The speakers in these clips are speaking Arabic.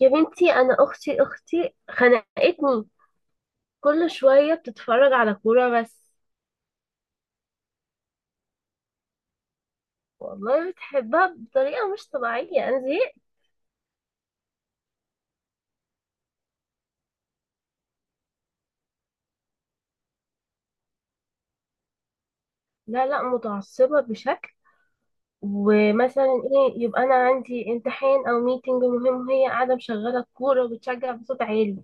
يا بنتي، انا اختي خنقتني. كل شويه بتتفرج على كوره بس. والله بتحبها بطريقه مش طبيعيه، انا زهقت. لا لا، متعصبه بشكل. ومثلا ايه يبقى؟ انا عندي امتحان او ميتنج مهم، وهي قاعده مشغله الكوره وبتشجع بصوت عالي.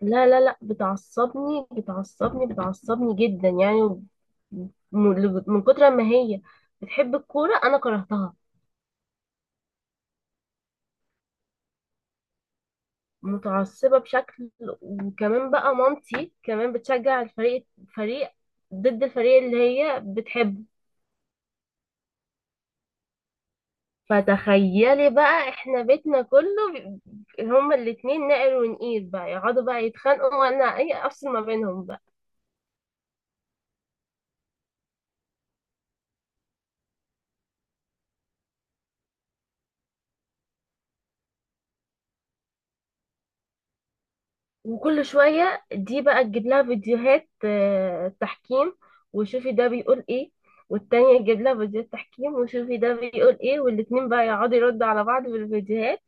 لا لا لا، بتعصبني بتعصبني بتعصبني جدا يعني. من كتر ما هي بتحب الكوره انا كرهتها. متعصبة بشكل. وكمان بقى مامتي كمان بتشجع فريق ضد الفريق اللي هي بتحبه. فتخيلي بقى، احنا بيتنا كله هما الاتنين نقر ونقيل بقى، يقعدوا بقى يتخانقوا وانا اي افصل ما بينهم بقى. وكل شوية دي بقى تجيب لها فيديوهات تحكيم، وشوفي ده بيقول ايه. والتانية تجيب لها فيديوهات تحكيم وشوفي ده بيقول ايه، والاتنين بقى يقعدوا يردوا على بعض بالفيديوهات.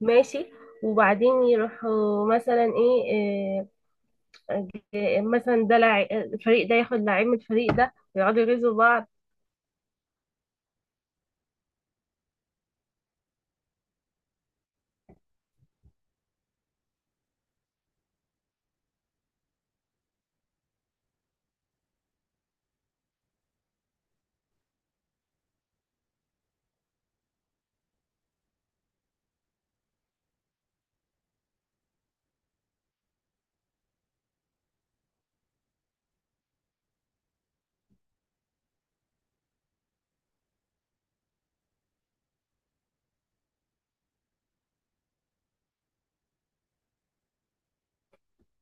ماشي. وبعدين يروحوا مثلا ايه، آه، مثلا ده الفريق ده ياخد لعيب من الفريق ده، ويقعدوا يغيظوا بعض.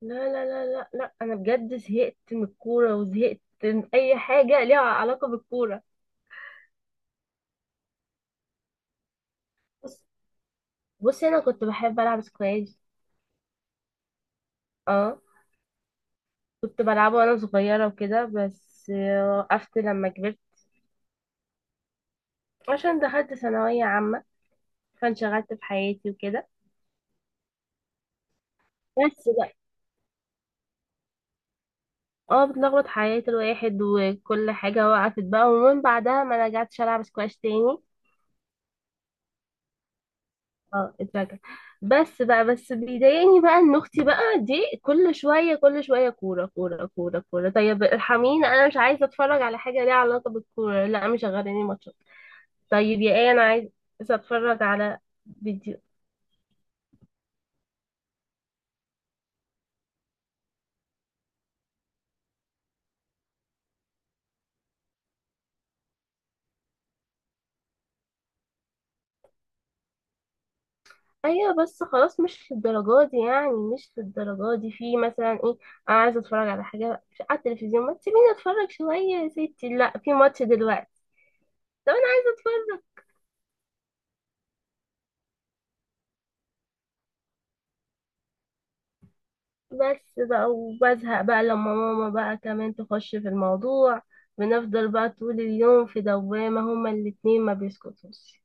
لا لا لا لا لا، انا بجد زهقت من الكوره، وزهقت من اي حاجه ليها علاقه بالكوره. بص بصي، انا كنت بحب العب سكواش. اه، كنت بلعبه وانا صغيره وكده، بس وقفت لما كبرت. عشان دخلت ثانويه عامه فانشغلت في حياتي وكده. بس بقى. اه، بتلخبط حياة الواحد وكل حاجة وقفت بقى، ومن بعدها ما رجعتش ألعب سكواش تاني. اه، اترجع. بس بقى، بس بيضايقني بقى ان اختي بقى دي كل شوية كل شوية كورة كورة كورة كورة. طيب ارحميني، انا مش عايزة اتفرج على حاجة ليها علاقة بالكورة. لا، مش غيراني ماتشات. طيب يا ايه، انا عايزة اتفرج على فيديو. ايوه، بس خلاص مش للدرجه دي يعني، مش للدرجه دي. في مثلا ايه، انا عايزه اتفرج على حاجه على التلفزيون، ما تسيبيني اتفرج شويه. يا ستي، لا، في ماتش دلوقتي. طب انا عايزه اتفرج. بس بقى، وبزهق بقى لما ماما بقى كمان تخش في الموضوع. بنفضل بقى طول اليوم في دوامه، هما الاتنين ما بيسكتوش.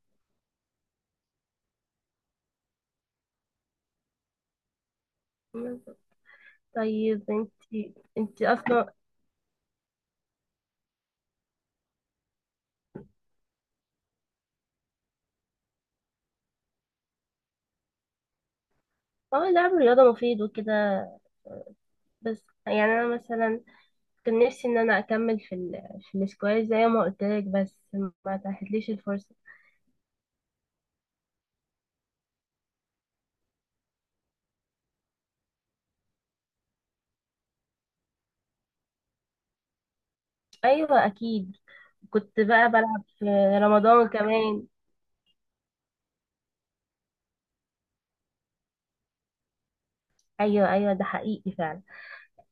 طيب انتي اصلا. اه، لعب الرياضه مفيد وكده، بس يعني انا مثلا كان نفسي ان انا اكمل في في السكواش زي ما قلت لك، بس ما اتاحتليش الفرصه. ايوه اكيد، كنت بقى بلعب في رمضان كمان. ايوه ايوه، ده حقيقي فعلا.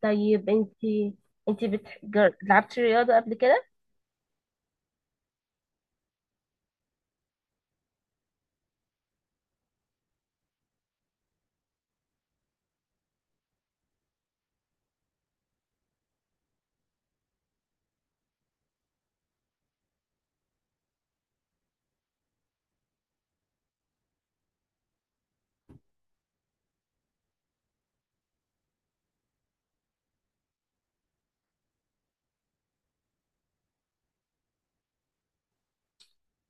طيب انتي، لعبتي رياضه قبل كده؟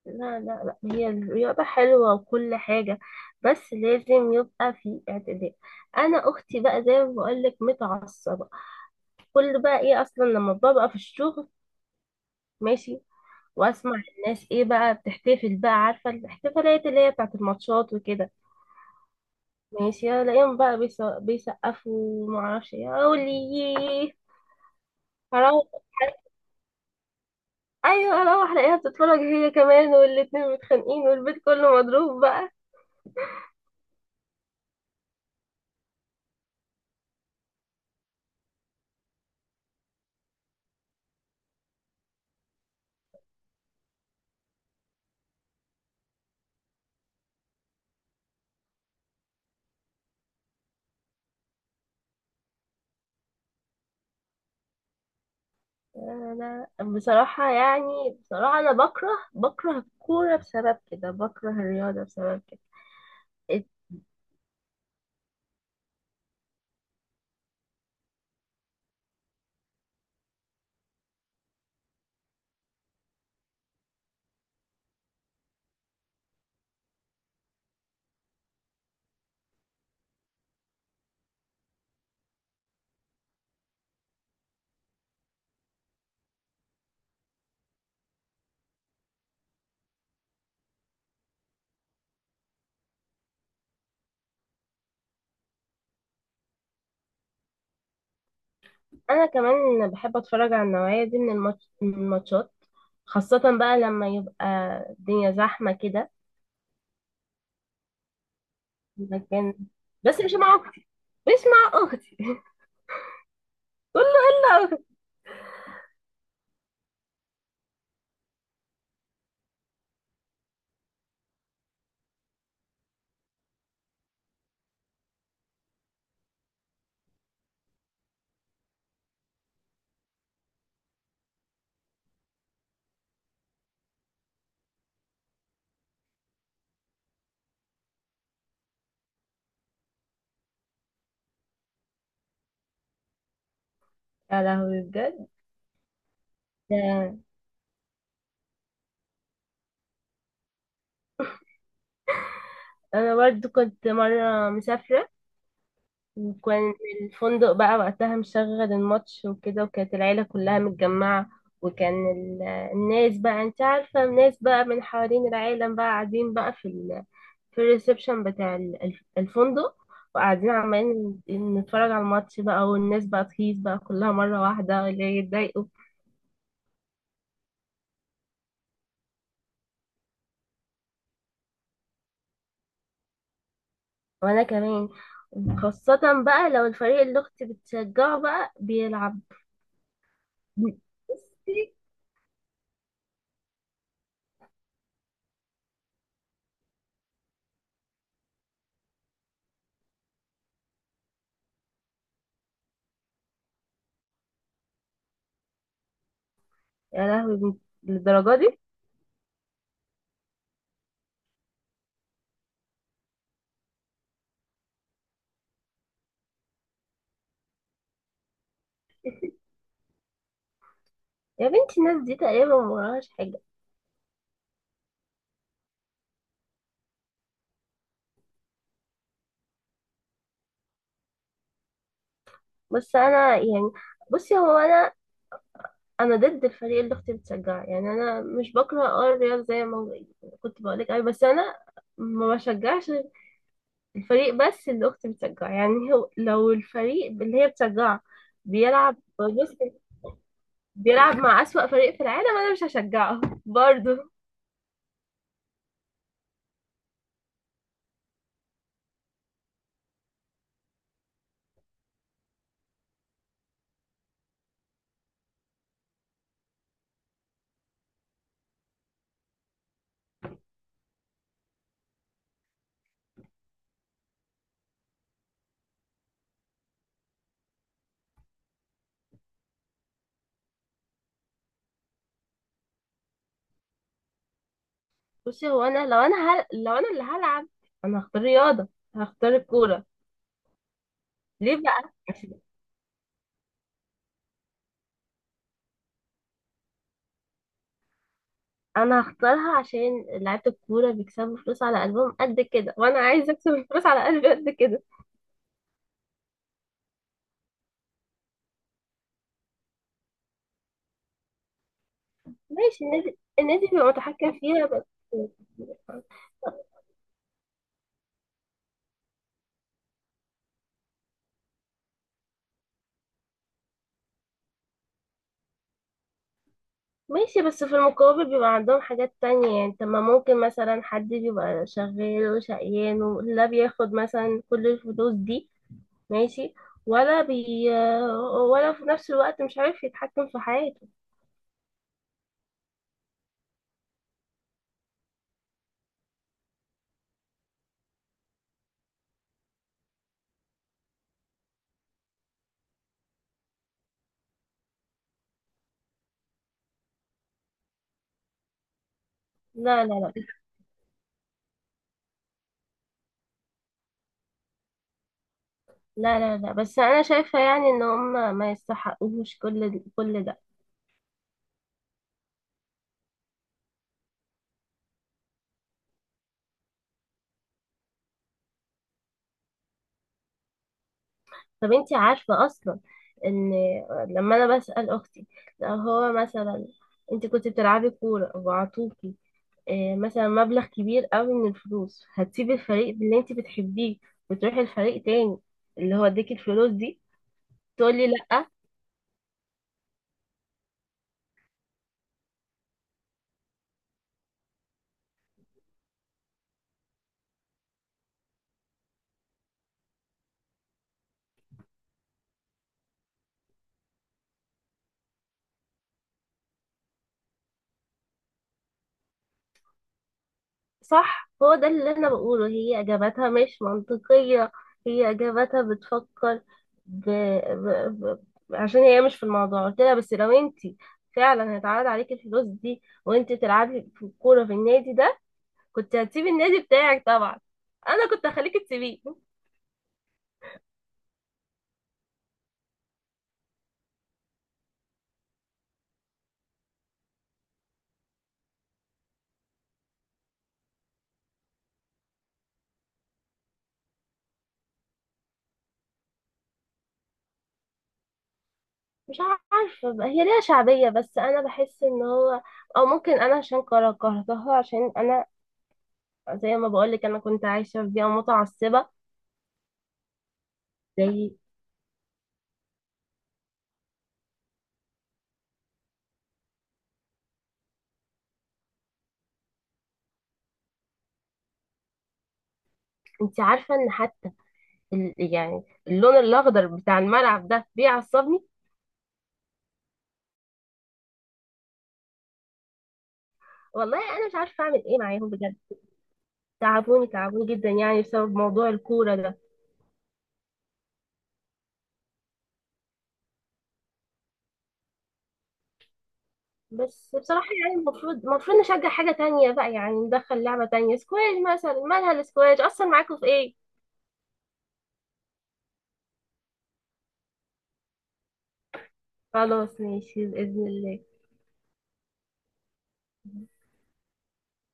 لا لا لا، هي الرياضه حلوه وكل حاجه، بس لازم يبقى في اعتدال. انا اختي بقى زي ما بقول لك متعصبه. كل بقى ايه اصلا؟ لما ببقى في الشغل، ماشي، واسمع الناس ايه بقى بتحتفل بقى، عارفه الاحتفالات اللي هي بتاعت الماتشات وكده، ماشي، الاقيهم بقى بيسقفوا ومعرفش ايه اقول لي. هروح، ايوه، اروح الاقيها بتتفرج هي كمان، والاتنين متخانقين والبيت كله مضروب بقى. انا بصراحه يعني، بصراحه انا بكره، بكره الكوره بسبب كده، بكره الرياضه بسبب كده. انا كمان بحب اتفرج على النوعيه دي من من الماتشات، خاصه بقى لما يبقى الدنيا زحمه كده. لكن، بس مش مع اختي، مش مع اختي. قول له هلا أختي. يا لهوي بجد! ده انا برضو كنت مره مسافره، وكان الفندق بقى وقتها مشغل الماتش وكده، وكانت العيله كلها متجمعه. وكان الناس بقى، انت عارفه، الناس بقى من حوالين العالم بقى قاعدين بقى في الريسبشن بتاع الفندق. وقاعدين عمالين نتفرج على الماتش بقى، والناس بقى تهيص بقى كلها مره واحده، اللي يتضايقوا. وانا كمان، خاصة بقى لو الفريق اللي اختي بتشجعه بقى بيلعب. بصي، يا لهوي للدرجة دي! يا بنتي، الناس دي تقريبا ما وراهاش حاجة. بس انا يعني، بصي، هو انا ضد الفريق اللي اختي بتشجعه. يعني انا مش بكره الرياض زي ما كنت بقولك اي، بس انا ما بشجعش الفريق بس اللي اختي بتشجعه. يعني هو لو الفريق اللي هي بتشجعه بيلعب، بصي، بيلعب مع أسوأ فريق في العالم، انا مش هشجعه برضه. بصي، هو انا، لو انا اللي هلعب، انا هختار رياضه، هختار الكوره. ليه بقى؟ عشان- انا هختارها عشان لعيبه الكوره بيكسبوا فلوس على قلبهم قد كده، وانا عايزه اكسب فلوس على قلبي قد كده. ماشي، النادي بيبقى متحكم فيها بس. ماشي، بس في المقابل بيبقى عندهم حاجات تانية يعني. طب ما ممكن مثلا حد بيبقى شغال وشقيان ولا بياخد مثلا كل الفلوس دي؟ ماشي، ولا بي ولا في نفس الوقت مش عارف يتحكم في حياته. لا لا لا لا لا لا، بس انا شايفه يعني ان هم ما يستحقوش كل ده. طب انتي عارفه اصلا، ان لما انا بسال اختي، لو هو مثلا انت كنت بتلعبي كوره وعطوكي مثلا مبلغ كبير قوي من الفلوس، هتسيبي الفريق اللي انت بتحبيه وتروحي الفريق تاني اللي هو اديكي الفلوس دي؟ تقولي لا. صح، هو ده اللي انا بقوله، هي اجاباتها مش منطقية. هي اجاباتها بتفكر ب... ب... عشان هي مش في الموضوع. قلت لها بس لو انت فعلا هيتعرض عليكي الفلوس دي، وانت تلعبي في الكورة في النادي ده، كنت هتسيبي النادي بتاعك طبعا. انا كنت هخليكي تسيبيه. مش عارفة بقى، هي ليها شعبية، بس انا بحس ان هو، او ممكن انا عشان كرهتها، عشان انا زي ما بقولك انا كنت عايشة في بيئة متعصبة. زي انت عارفة ان حتى يعني اللون الاخضر بتاع الملعب ده بيعصبني. والله انا مش عارفه اعمل ايه معاهم بجد، تعبوني تعبوني جدا يعني بسبب موضوع الكوره ده. بس بصراحه يعني المفروض نشجع حاجه تانية بقى، يعني ندخل لعبه تانية، سكواش مثلا، مالها السكواش اصلا؟ معاكم في ايه؟ خلاص، ماشي باذن الله.